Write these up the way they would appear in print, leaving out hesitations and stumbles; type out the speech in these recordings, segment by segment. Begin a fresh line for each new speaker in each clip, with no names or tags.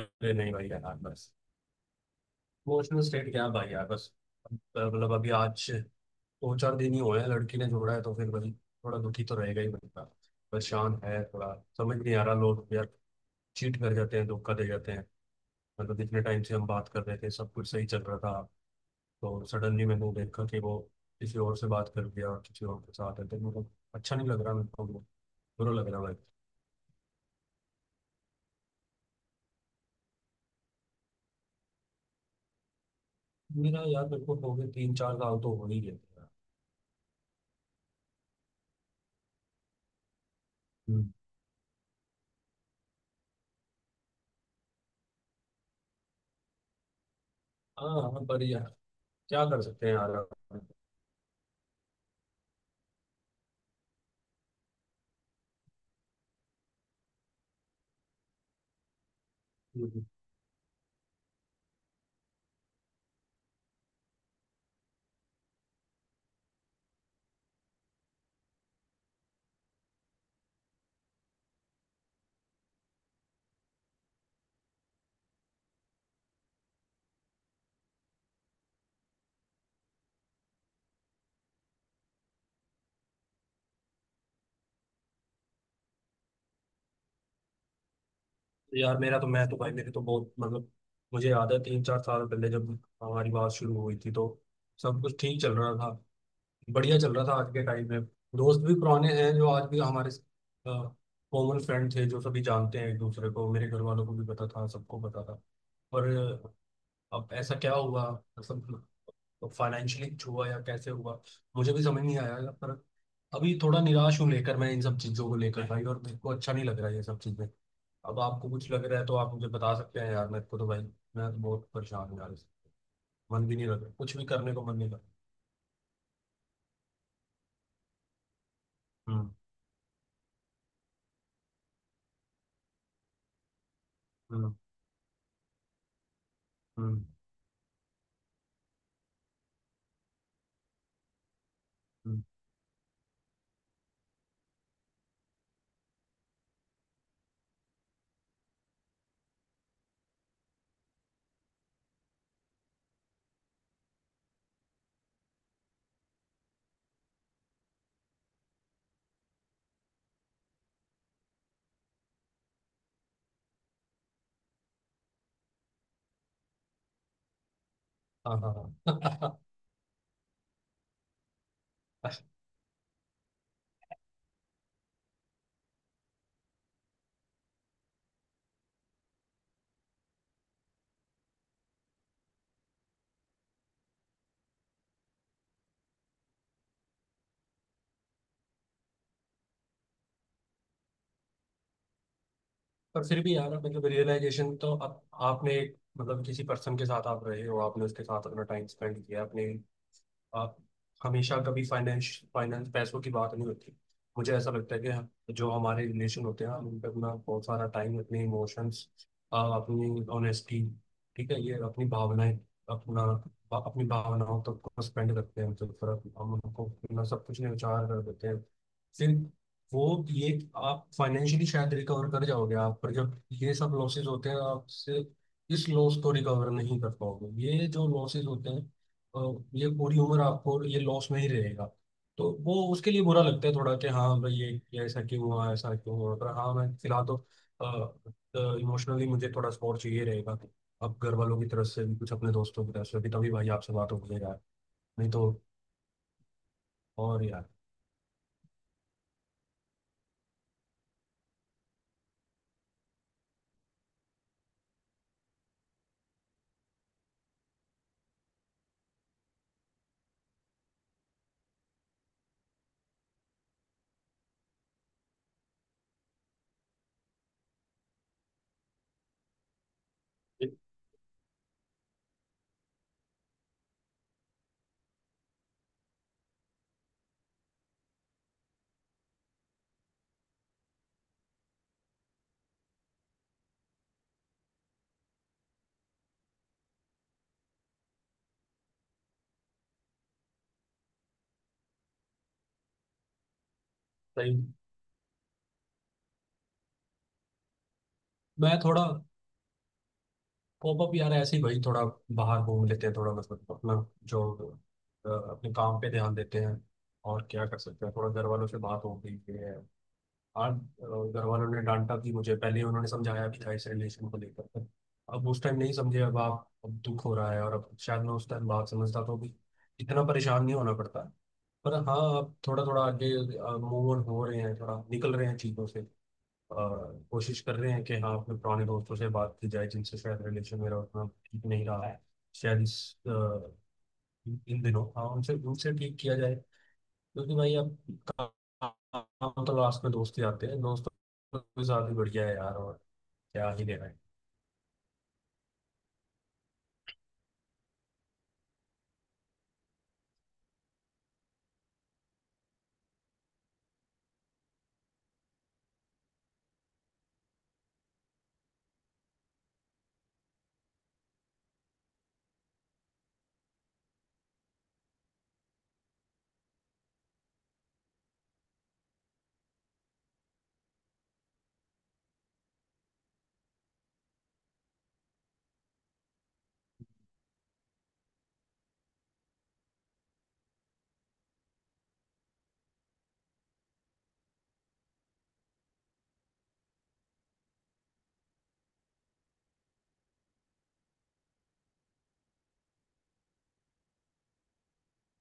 अरे नहीं भाई यार बस। इमोशनल स्टेट क्या भाई यार बस। मतलब अभी आज दो चार दिन ही हुए हैं लड़की ने जोड़ा है तो फिर भाई थोड़ा दुखी तो रहेगा ही बंदा। परेशान है थोड़ा। समझ नहीं आ रहा लोग यार चीट कर जाते हैं धोखा दे जाते हैं। मतलब जितने टाइम से हम बात कर रहे थे सब कुछ सही चल रहा था तो सडनली मैंने देखा कि वो किसी और से बात कर दिया और किसी और के साथ है तो मतलब अच्छा नहीं लग रहा मेरे को। बुरा लग रहा भाई। मेरा यार मेरे को हो गए तीन चार साल तो हो ही गए थे यार। हम्म। हाँ हाँ, पर यार क्या कर सकते हैं यार। हम्म। यार मेरा तो मैं तो भाई मेरे तो बहुत मतलब मुझे याद है तीन चार साल पहले जब हमारी बात शुरू हुई थी तो सब कुछ ठीक चल रहा था। बढ़िया चल रहा था आज के टाइम में। दोस्त भी पुराने हैं जो आज भी हमारे कॉमन फ्रेंड थे जो सभी जानते हैं एक दूसरे को मेरे घर वालों को भी पता था सबको पता था। पर अब ऐसा क्या हुआ मतलब फाइनेंशियली हुआ या कैसे हुआ मुझे भी समझ नहीं आया। पर अभी थोड़ा निराश हूँ लेकर मैं इन सब चीज़ों को लेकर भाई और मेरे को अच्छा नहीं लग रहा है ये सब चीज़ें। अब आपको कुछ लग रहा है तो आप मुझे बता सकते हैं यार मेरे को तो भाई मैं तो बहुत परेशान हूँ यार इससे। मन भी नहीं लग रहा कुछ भी करने को मन नहीं लग रहा। हम्म। हम्म। हम्म। हम्म, हाँ हाँ हाँ। पर फिर भी यार मतलब रियलाइजेशन तो अब आपने एक मतलब किसी पर्सन के साथ आप रहे हो आपने उसके साथ अपना टाइम स्पेंड किया अपने आप हमेशा कभी फाइनेंस फाइनेंस पैसों की बात नहीं होती। मुझे ऐसा लगता है कि जो हमारे रिलेशन होते हैं हम उन पर अपना बहुत सारा टाइम अपने इमोशंस अपनी ऑनेस्टी ठीक है ये अपनी भावनाएं अपना अपनी भावनाओं तक को स्पेंड करते हैं तो फिर हम उनको अपना सब कुछ न्यौछावर कर देते हैं। फिर वो ये आप फाइनेंशियली शायद रिकवर कर जाओगे आप पर जब ये सब लॉसेस होते हैं आपसे इस लॉस को रिकवर नहीं कर पाओगे ये जो लॉसेस होते हैं अ, ये पूरी उम्र आपको ये लॉस में ही रहेगा। तो वो उसके लिए बुरा लगता है थोड़ा कि हाँ भाई ये ऐसा क्यों हुआ पर हाँ मैं फिलहाल तो इमोशनली मुझे थोड़ा सपोर्ट चाहिए रहेगा। अब घर वालों की तरफ से भी कुछ अपने दोस्तों की तरफ से भी तभी भाई आपसे बात हो गई यार नहीं तो। और यार एक टाइम मैं थोड़ा पॉपअप यार ऐसे ही भाई थोड़ा बाहर घूम लेते हैं थोड़ा मतलब अपना जो अपने काम पे ध्यान देते हैं। और क्या कर सकते हैं थोड़ा घर वालों से बात हो गई है आज। घर वालों ने डांटा भी मुझे पहले उन्होंने समझाया भी था इस रिलेशन को लेकर। अब उस टाइम नहीं समझे अब आप अब दुख हो रहा है और अब शायद मैं उस टाइम बात समझता तो भी इतना परेशान नहीं होना पड़ता। पर हाँ आप थोड़ा थोड़ा आगे मूव ऑन हो रहे हैं थोड़ा निकल रहे हैं चीज़ों से और कोशिश कर रहे हैं कि हाँ अपने पुराने दोस्तों से बात की जाए जिनसे शायद रिलेशन मेरा उतना ठीक नहीं रहा है शायद इन दिनों हाँ उनसे उनसे ठीक किया जाए। क्योंकि भाई अब काम तो लास्ट में दोस्त ही आते हैं दोस्त तो काफी बढ़िया है यार और क्या ही लेना है।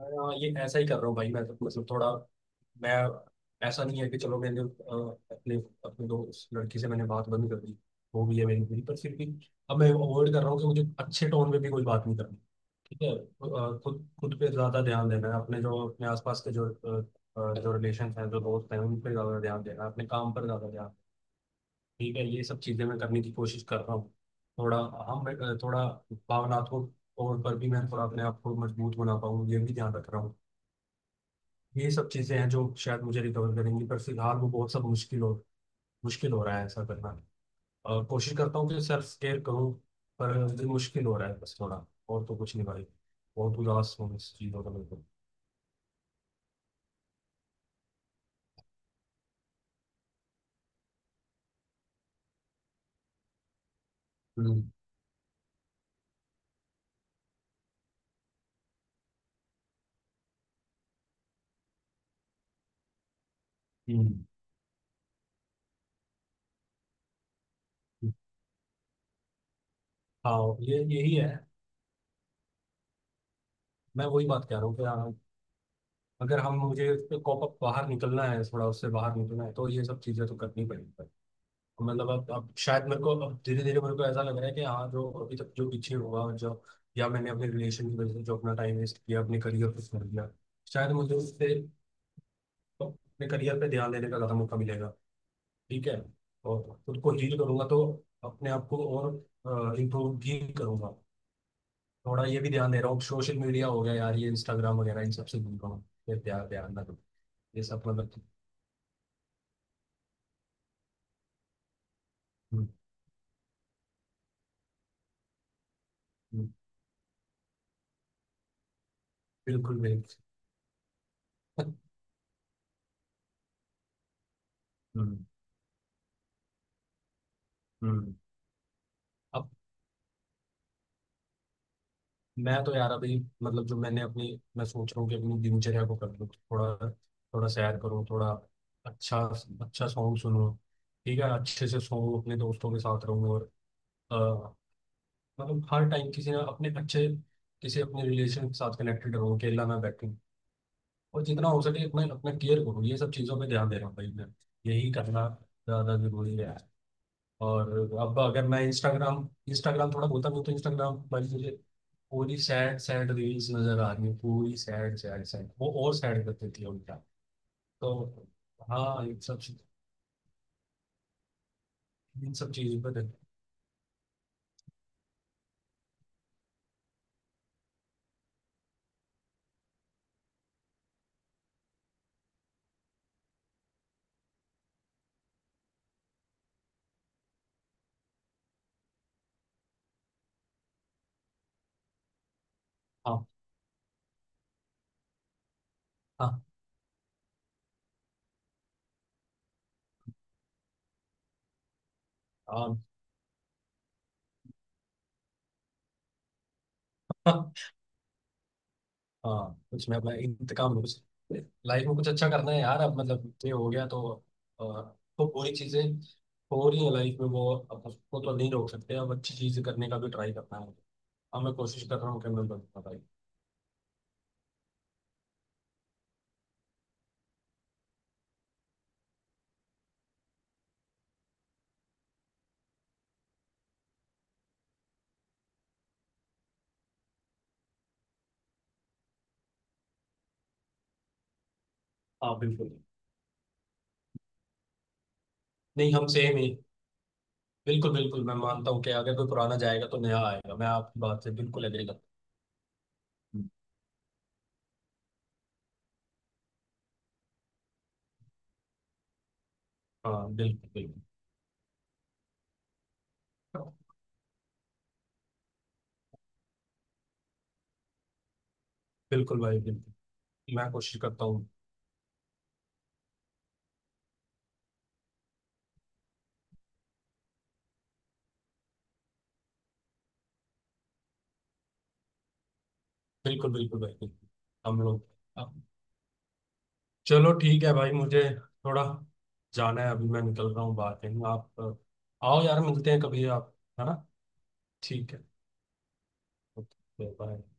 ये ऐसा ही कर रहा हूँ भाई मैं तो मतलब थोड़ा मैं ऐसा नहीं है कि चलो अपने अपने दोस्त लड़की से मैंने बात बंद कर दी वो भी है मेरी पूरी पर फिर भी। अब मैं अवॉइड कर रहा हूँ कि मुझे अच्छे टोन में भी कोई बात नहीं करनी। ठीक है खुद खुद पे ज्यादा ध्यान देना है अपने जो अपने आसपास के जो जो रिलेशन हैं जो दोस्त हैं उन पे ज्यादा ध्यान देना है अपने काम पर ज्यादा ध्यान। ठीक है ये सब चीजें मैं करने की कोशिश कर रहा हूँ थोड़ा हम थोड़ा भावनात्मक तौर पर भी मैं थोड़ा अपने आप को मजबूत बना पाऊँ ये भी ध्यान रख रहा हूँ। ये सब चीजें हैं जो शायद मुझे रिकवर करेंगी पर फिलहाल वो बहुत सब मुश्किल हो रहा है ऐसा करना। और कोशिश करता हूँ कि सेल्फ केयर करूँ पर ये मुश्किल हो रहा है बस थोड़ा और तो कुछ नहीं भाई। बहुत उदास हूँ इस चीज़ों का बिल्कुल। हम्म। हम्म। हम्म। हाँ ये यही है। मैं वही बात कह रहा हूँ कि हाँ, अगर हम मुझे उस पे कॉप अप बाहर निकलना है थोड़ा उससे बाहर निकलना है तो ये सब चीज़ें तो करनी पड़ेगी। मतलब अब शायद मेरे को अब धीरे धीरे मेरे को ऐसा लग रहा है कि हाँ जो अभी तक जो पीछे हुआ जो या मैंने अपने रिलेशन की वजह से जो अपना टाइम वेस्ट किया अपने करियर को छोड़ दिया शायद मुझे उससे अपने करियर पे ध्यान देने का ज़्यादा मौका मिलेगा। ठीक है और खुद को हील करूंगा तो अपने आप को और इम्प्रूव भी करूंगा। थोड़ा ये भी ध्यान दे रहा हूँ सोशल मीडिया हो गया यार ये इंस्टाग्राम वगैरह इन सबसे दूर रहूँ। ये ध्यान ध्यान ना दूँ। ये सब मतलब। हम्म। हम्म, बिल्कुल बिल्कुल। हम्म। हम्म। अब मैं तो यार अभी मतलब जो मैंने अपनी मैं सोच रहा हूँ कि अपनी दिनचर्या को कर लूँ थोड़ा थोड़ा सैर करूँ थोड़ा अच्छा अच्छा सॉन्ग सुनूँ। ठीक है अच्छे से सोऊं अपने दोस्तों के साथ रहूँ और अ, मतलब हर टाइम किसी ना अपने अच्छे किसी अपने रिलेशन के साथ कनेक्टेड रहूँ अकेला ना बैठूँ। और जितना हो सके अपने अपना केयर करूँ ये सब चीज़ों पर ध्यान दे रहा हूँ भाई मैं। यही करना ज़्यादा जरूरी है। और अब अगर मैं इंस्टाग्राम इंस्टाग्राम थोड़ा बोलता हूँ तो इंस्टाग्राम पर मुझे पूरी सैड सैड रील्स नजर आ रही है पूरी सैड सैड सैड वो और सैड कर देती है उल्टा। तो हाँ इन सब चीजों पर। हाँ हाँ हाँ। हाँ हाँ, कुछ मैं अपना इंतकाम लूँ कुछ लाइफ में कुछ अच्छा करना है यार। अब मतलब ये हो गया तो पूरी चीजें हो रही है लाइफ में वो। अब उसको तो नहीं रोक सकते अब अच्छी चीजें करने का भी ट्राई करना है। हाँ मैं कोशिश कर रहा हूँ कि मैं बता भाई। हाँ बिल्कुल। नहीं हम सेम ही। बिल्कुल बिल्कुल मैं मानता हूँ कि अगर कोई पुराना जाएगा तो नया आएगा मैं आपकी बात से बिल्कुल एग्री करता हूँ। हाँ बिल्कुल बिल्कुल। बिल्कुल भाई बिल्कुल। मैं कोशिश करता हूँ। बिल्कुल बिल्कुल भाई बिल्कुल। हम लोग अब। चलो ठीक है भाई मुझे थोड़ा जाना है अभी मैं निकल रहा हूँ बाहर कहीं आप आओ यार मिलते हैं कभी आप। है ना। ठीक है। Okay bye.